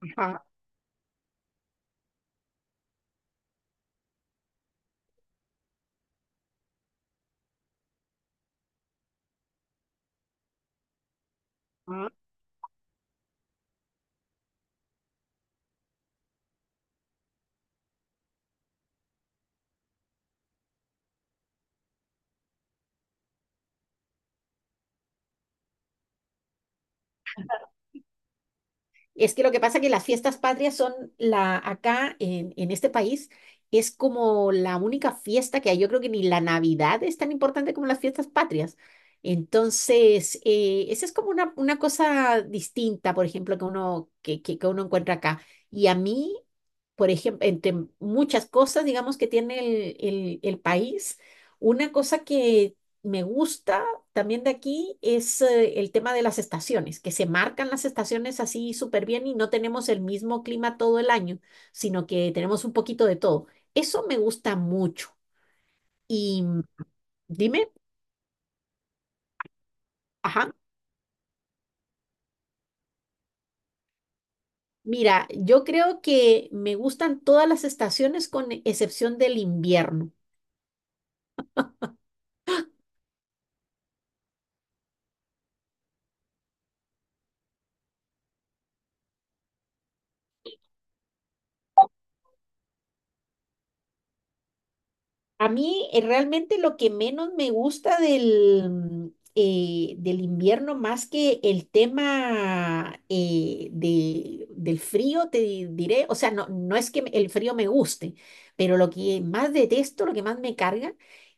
Ajá. Es que lo que pasa es que las fiestas patrias son la, acá en este país es como la única fiesta que hay. Yo creo que ni la Navidad es tan importante como las fiestas patrias. Entonces, esa es como una cosa distinta, por ejemplo, que uno encuentra acá. Y a mí, por ejemplo, entre muchas cosas, digamos, que tiene el, el país, una cosa que me gusta también de aquí es el tema de las estaciones, que se marcan las estaciones así súper bien y no tenemos el mismo clima todo el año, sino que tenemos un poquito de todo. Eso me gusta mucho. Y mm, dime, ajá, mira, yo creo que me gustan todas las estaciones con excepción del invierno. A mí realmente lo que menos me gusta del invierno, más que el tema del frío, diré, o sea, no, el frío me guste, pero lo que más detesto, lo que más me carga,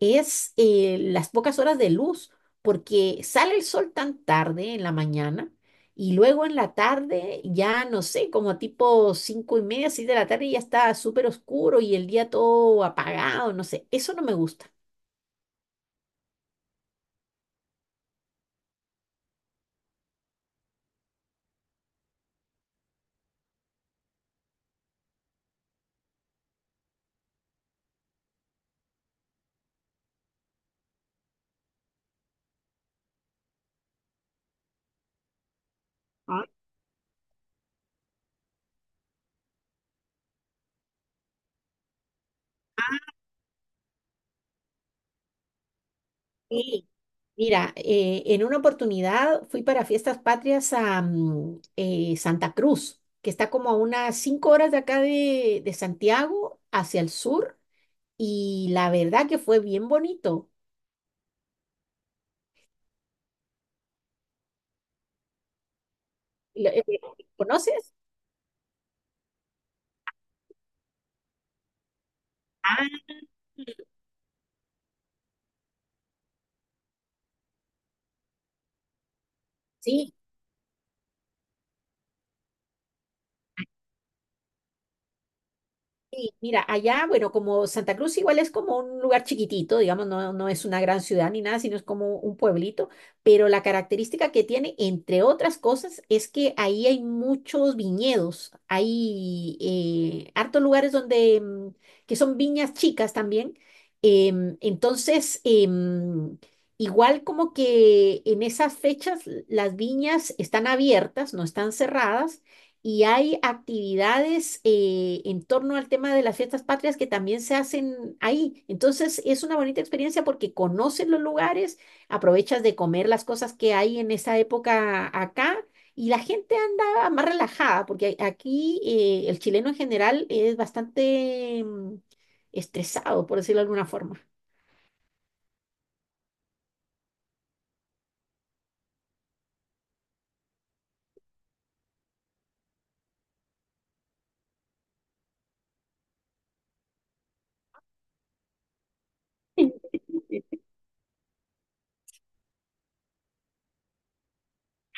es las pocas horas de luz, porque sale el sol tan tarde en la mañana y luego en la tarde, ya no sé, como tipo cinco y media, seis de la tarde, ya está súper oscuro y el día todo apagado, no sé, eso no me gusta. Ah, sí. Mira, en una oportunidad fui para Fiestas Patrias a Santa Cruz, que está como a unas 5 horas de acá de Santiago hacia el sur, y la verdad que fue bien bonito. Lo- eh, ¿Conoces? Ah, sí. Sí, mira, allá, bueno, como Santa Cruz igual es como un lugar chiquitito, digamos, no, no es una gran ciudad ni nada, sino es como un pueblito, pero la característica que tiene, entre otras cosas, es que ahí hay muchos viñedos, hay hartos lugares donde que son viñas chicas también, entonces, igual como que en esas fechas las viñas están abiertas, no están cerradas y hay actividades en torno al tema de las fiestas patrias que también se hacen ahí. Entonces es una bonita experiencia porque conoces los lugares, aprovechas de comer las cosas que hay en esa época acá y la gente anda más relajada porque aquí el chileno en general es bastante estresado, por decirlo de alguna forma.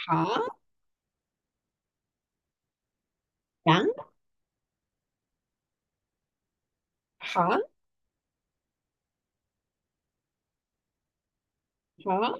Ajá, ¿ya? Ajá, ajá.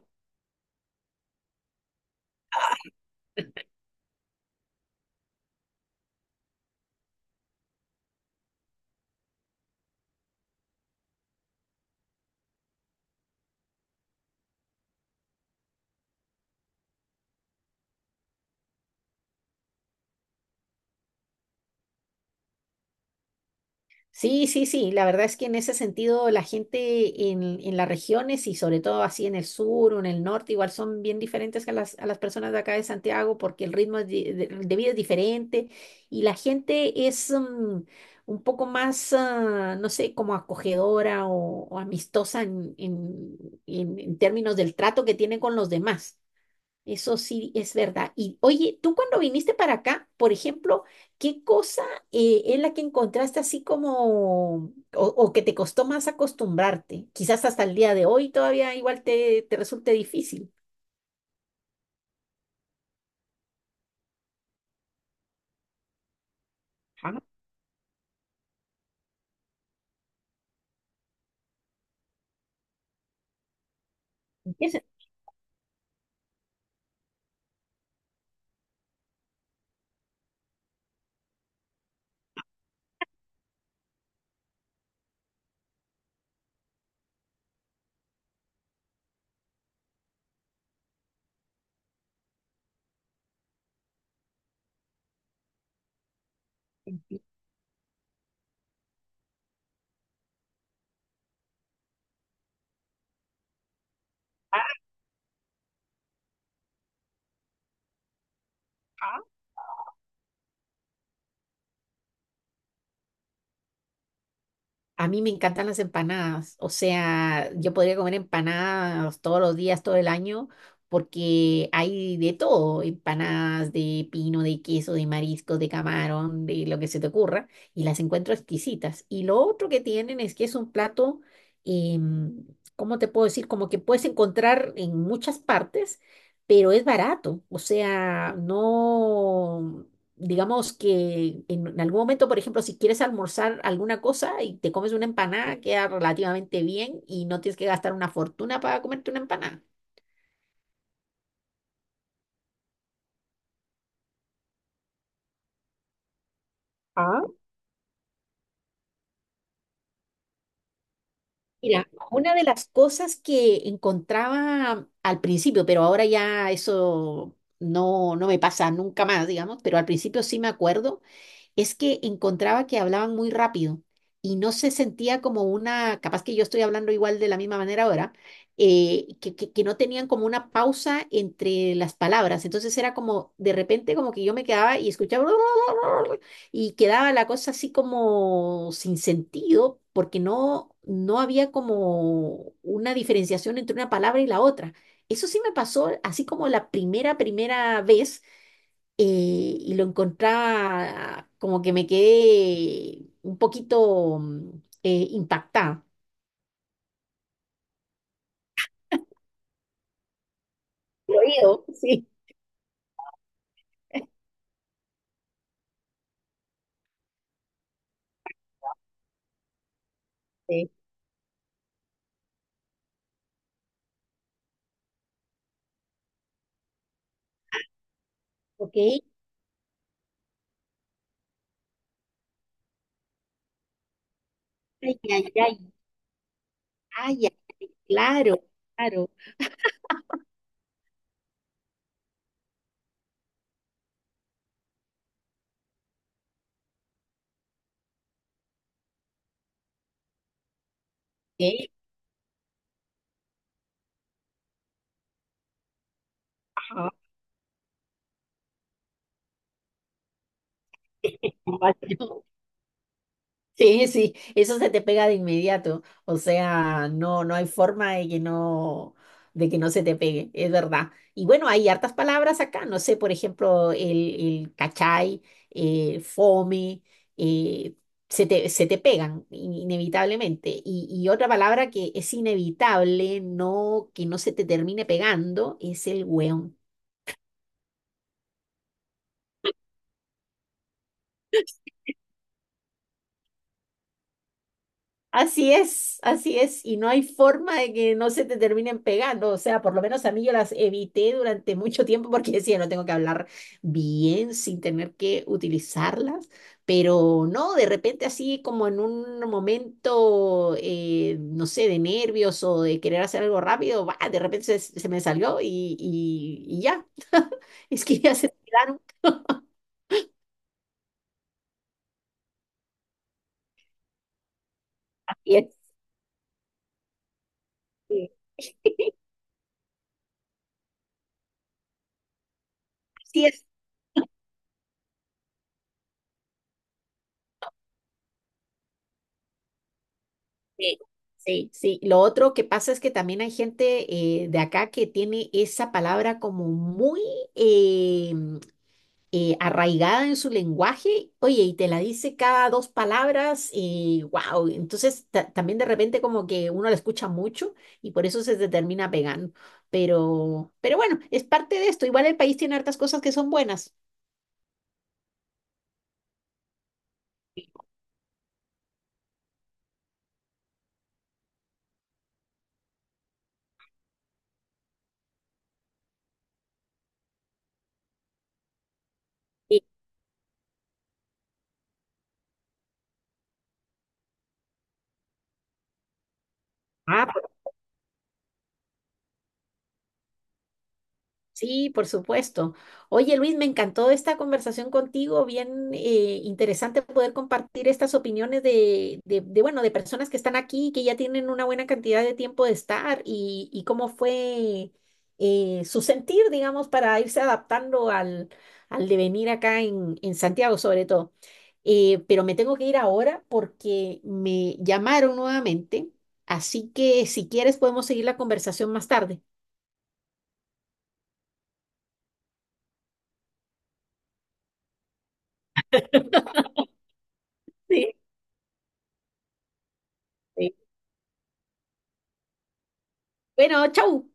Sí, sí, sí, la verdad es que en ese sentido la gente en las regiones y sobre todo así en el sur o en el norte igual son bien diferentes a las personas de acá de Santiago porque el ritmo es de vida es diferente y la gente es un poco más, ah, no sé, como acogedora o amistosa en, en términos del trato que tiene con los demás. Eso sí es verdad. Y oye, tú cuando viniste para acá, por ejemplo, ¿qué cosa es la que encontraste así como o que te costó más acostumbrarte? Quizás hasta el día de hoy todavía igual te, te resulte difícil. Ah, ¿en qué se- A mí me encantan las empanadas, o sea, yo podría comer empanadas todos los días, todo el año, porque hay de todo, empanadas de pino, de queso, de mariscos, de camarón, de lo que se te ocurra, y las encuentro exquisitas. Y lo otro que tienen es que es un plato, em, ¿cómo te puedo decir? Como que puedes encontrar en muchas partes, pero es barato, o sea, no digamos que en algún momento, por ejemplo, si quieres almorzar alguna cosa y te comes una empanada, queda relativamente bien y no tienes que gastar una fortuna para comerte una empanada. Ah, mira, una de las cosas que encontraba al principio, pero ahora ya eso no, no me pasa nunca más, digamos, pero al principio sí me acuerdo, es que encontraba que hablaban muy rápido y no se sentía como una, capaz que yo estoy hablando igual de la misma manera ahora, que no tenían como una pausa entre las palabras. Entonces era como, de repente como que yo me quedaba y escuchaba y quedaba la cosa así como sin sentido porque no, no había como una diferenciación entre una palabra y la otra. Eso sí me pasó así como la primera vez eh, y lo encontraba como que me quedé un poquito impactada. Lo oído, sí. Sí. Ok. Ay, ay, ay. Ay, ay, claro, claro. Ok. Ajá. Sí, sí, eso se te pega de inmediato. O sea, no, no hay forma de que no se te pegue, es verdad. Y bueno, hay hartas palabras acá, no sé, por ejemplo, el cachai, fome, eh, se te pegan inevitablemente. Y otra palabra que es inevitable, no, que no se te termine pegando, es el weón. Así es, y no hay forma de que no se te terminen pegando, o sea, por lo menos a mí yo las evité durante mucho tiempo porque decía, no tengo que hablar bien sin tener que utilizarlas, pero no, de repente así como en un momento, no sé, de nervios o de querer hacer algo rápido, ¡bah! De repente se, se me salió y, y ya, es que ya se tiraron. Así es, sí, así es. Sí, sí, sí. Lo otro que pasa es que también hay gente de acá que tiene esa palabra como muy eh, arraigada en su lenguaje, oye, y te la dice cada dos palabras y wow. Entonces también de repente como que uno la escucha mucho y por eso se te termina pegando. Pero bueno, es parte de esto. Igual el país tiene hartas cosas que son buenas. Sí. Ah, sí, por supuesto. Oye, Luis, me encantó esta conversación contigo, bien interesante poder compartir estas opiniones de, bueno, de personas que están aquí, que ya tienen una buena cantidad de tiempo de estar y cómo fue su sentir, digamos, para irse adaptando al, al devenir acá en Santiago, sobre todo. Pero me tengo que ir ahora porque me llamaron nuevamente, así que si quieres podemos seguir la conversación más tarde. Sí, sí. Bueno, chau.